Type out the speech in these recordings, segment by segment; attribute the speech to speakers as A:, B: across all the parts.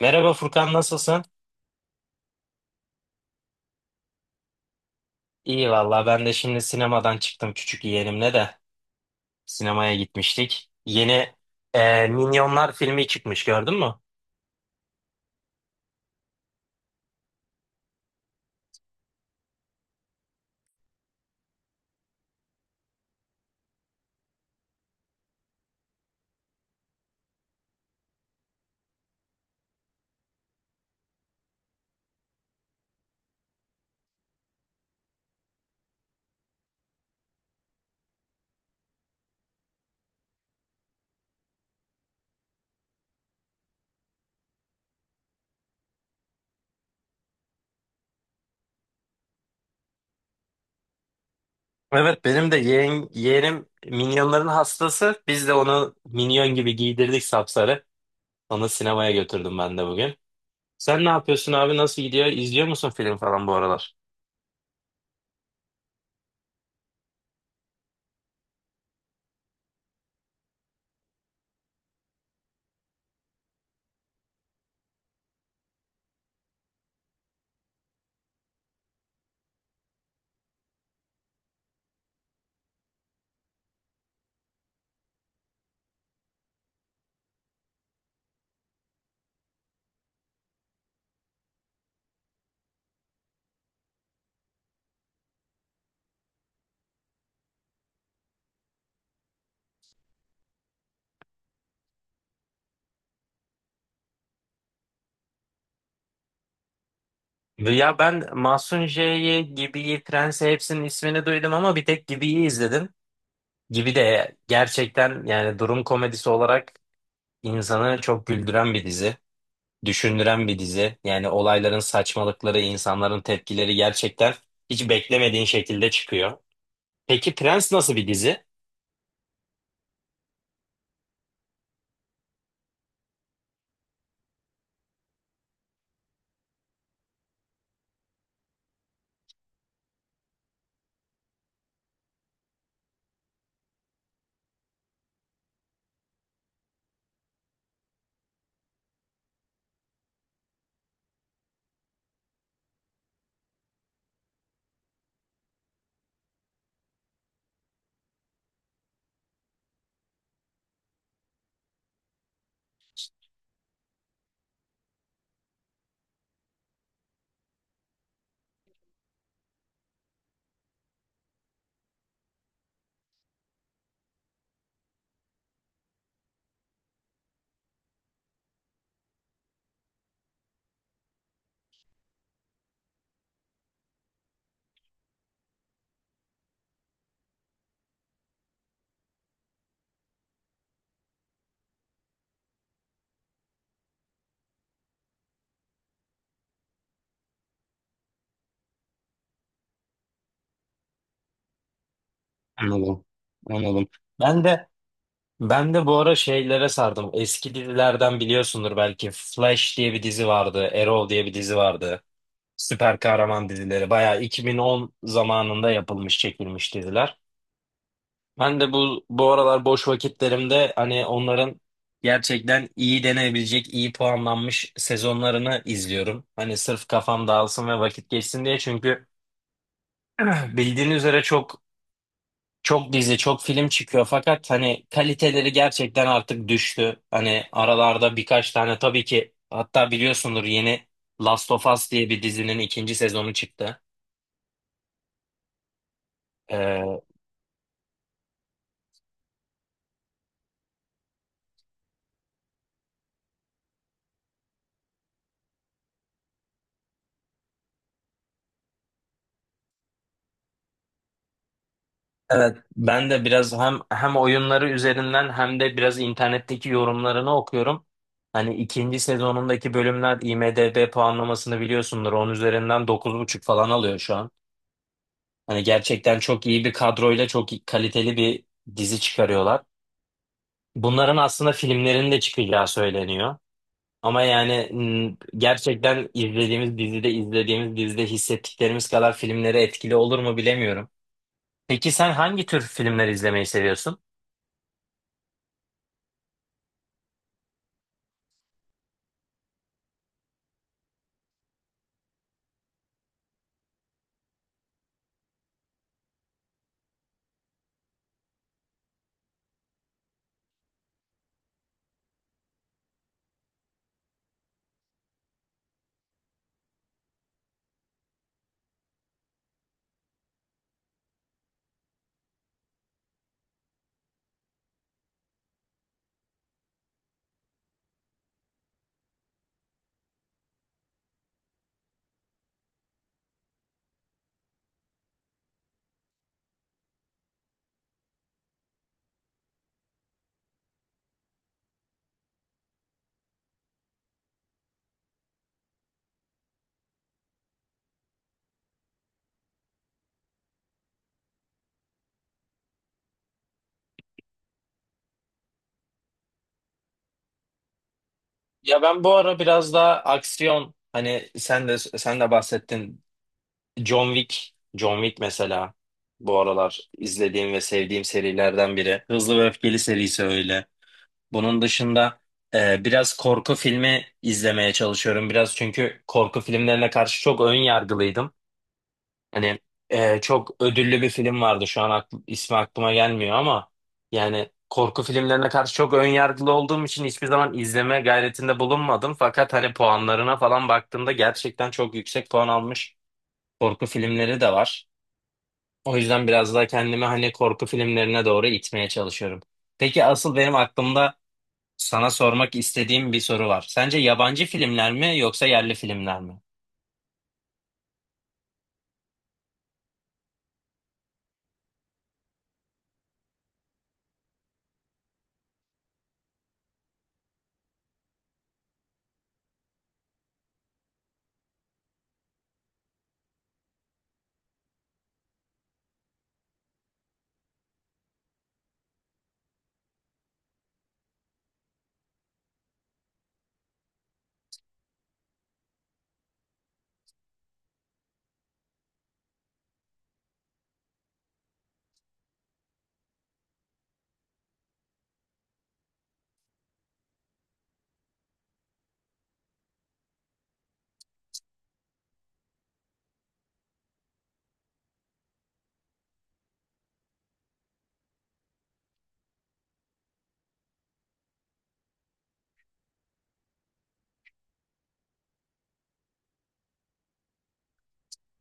A: Merhaba Furkan, nasılsın? İyi valla, ben de şimdi sinemadan çıktım, küçük yeğenimle de sinemaya gitmiştik. Yeni Minyonlar filmi çıkmış, gördün mü? Evet, benim de yeğenim Minyonların hastası. Biz de onu Minyon gibi giydirdik sapsarı. Onu sinemaya götürdüm ben de bugün. Sen ne yapıyorsun abi, nasıl gidiyor? İzliyor musun film falan bu aralar? Ya ben Mahsun J'yi, Gibi'yi, Prens'i hepsinin ismini duydum ama bir tek Gibi'yi izledim. Gibi de gerçekten yani durum komedisi olarak İnsanı çok güldüren bir dizi, düşündüren bir dizi. Yani olayların saçmalıkları, insanların tepkileri gerçekten hiç beklemediğin şekilde çıkıyor. Peki Prens nasıl bir dizi? Anladım. Anladım. Ben de ben de bu ara şeylere sardım. Eski dizilerden biliyorsundur belki. Flash diye bir dizi vardı, Arrow diye bir dizi vardı. Süper kahraman dizileri. Bayağı 2010 zamanında yapılmış, çekilmiş diziler. Ben de bu aralar boş vakitlerimde hani onların gerçekten iyi denebilecek, iyi puanlanmış sezonlarını izliyorum. Hani sırf kafam dağılsın ve vakit geçsin diye, çünkü bildiğin üzere çok dizi, çok film çıkıyor fakat hani kaliteleri gerçekten artık düştü. Hani aralarda birkaç tane tabii ki, hatta biliyorsundur, yeni Last of Us diye bir dizinin ikinci sezonu çıktı. Ee, Evet, ben de biraz hem oyunları üzerinden hem de biraz internetteki yorumlarını okuyorum. Hani ikinci sezonundaki bölümler IMDb puanlamasını biliyorsundur. Onun üzerinden dokuz buçuk falan alıyor şu an. Hani gerçekten çok iyi bir kadroyla kaliteli bir dizi çıkarıyorlar. Bunların aslında filmlerin de çıkacağı söyleniyor. Ama gerçekten izlediğimiz dizide hissettiklerimiz kadar filmlere etkili olur mu bilemiyorum. Peki sen hangi tür filmler izlemeyi seviyorsun? Ya ben bu ara biraz daha aksiyon, hani sen de bahsettin, John Wick mesela bu aralar izlediğim ve sevdiğim serilerden biri. Hızlı ve Öfkeli serisi öyle. Bunun dışında biraz korku filmi izlemeye çalışıyorum biraz, çünkü korku filmlerine karşı çok ön yargılıydım. Hani çok ödüllü bir film vardı. Şu an ismi aklıma gelmiyor ama yani korku filmlerine karşı çok ön yargılı olduğum için hiçbir zaman izleme gayretinde bulunmadım. Fakat hani puanlarına falan baktığımda gerçekten çok yüksek puan almış korku filmleri de var. O yüzden biraz daha kendimi hani korku filmlerine doğru itmeye çalışıyorum. Peki asıl benim aklımda sana sormak istediğim bir soru var. Sence yabancı filmler mi yoksa yerli filmler mi?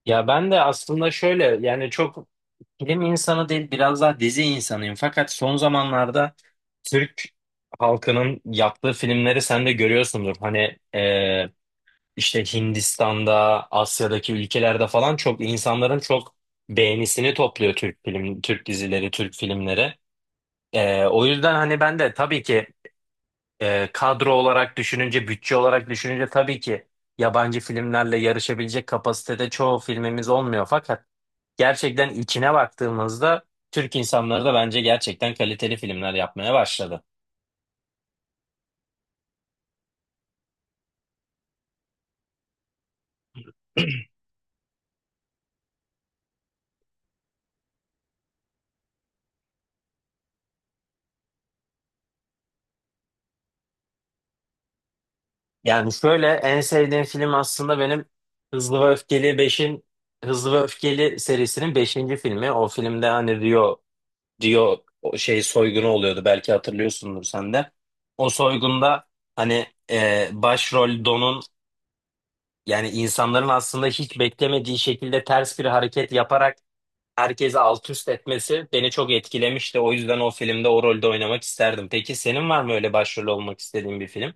A: Ya ben de aslında şöyle, yani çok film insanı değil biraz daha dizi insanıyım. Fakat son zamanlarda Türk halkının yaptığı filmleri sen de görüyorsundur. Hani işte Hindistan'da, Asya'daki ülkelerde falan çok, insanların çok beğenisini topluyor Türk film, Türk dizileri, Türk filmleri. O yüzden hani ben de tabii ki kadro olarak düşününce, bütçe olarak düşününce tabii ki yabancı filmlerle yarışabilecek kapasitede çoğu filmimiz olmuyor. Fakat gerçekten içine baktığımızda Türk insanları da bence gerçekten kaliteli filmler yapmaya başladı. Yani şöyle, en sevdiğim film aslında benim Hızlı ve Öfkeli beşin Hızlı ve Öfkeli serisinin beşinci filmi. O filmde hani Rio o şey soygunu oluyordu, belki hatırlıyorsundur sen de. O soygunda hani başrol Don'un, yani insanların aslında hiç beklemediği şekilde ters bir hareket yaparak herkesi alt üst etmesi beni çok etkilemişti. O yüzden o filmde o rolde oynamak isterdim. Peki senin var mı öyle başrol olmak istediğin bir film?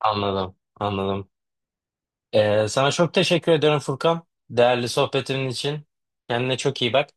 A: Anladım, anladım. Sana çok teşekkür ederim Furkan. Değerli sohbetin için. Kendine çok iyi bak.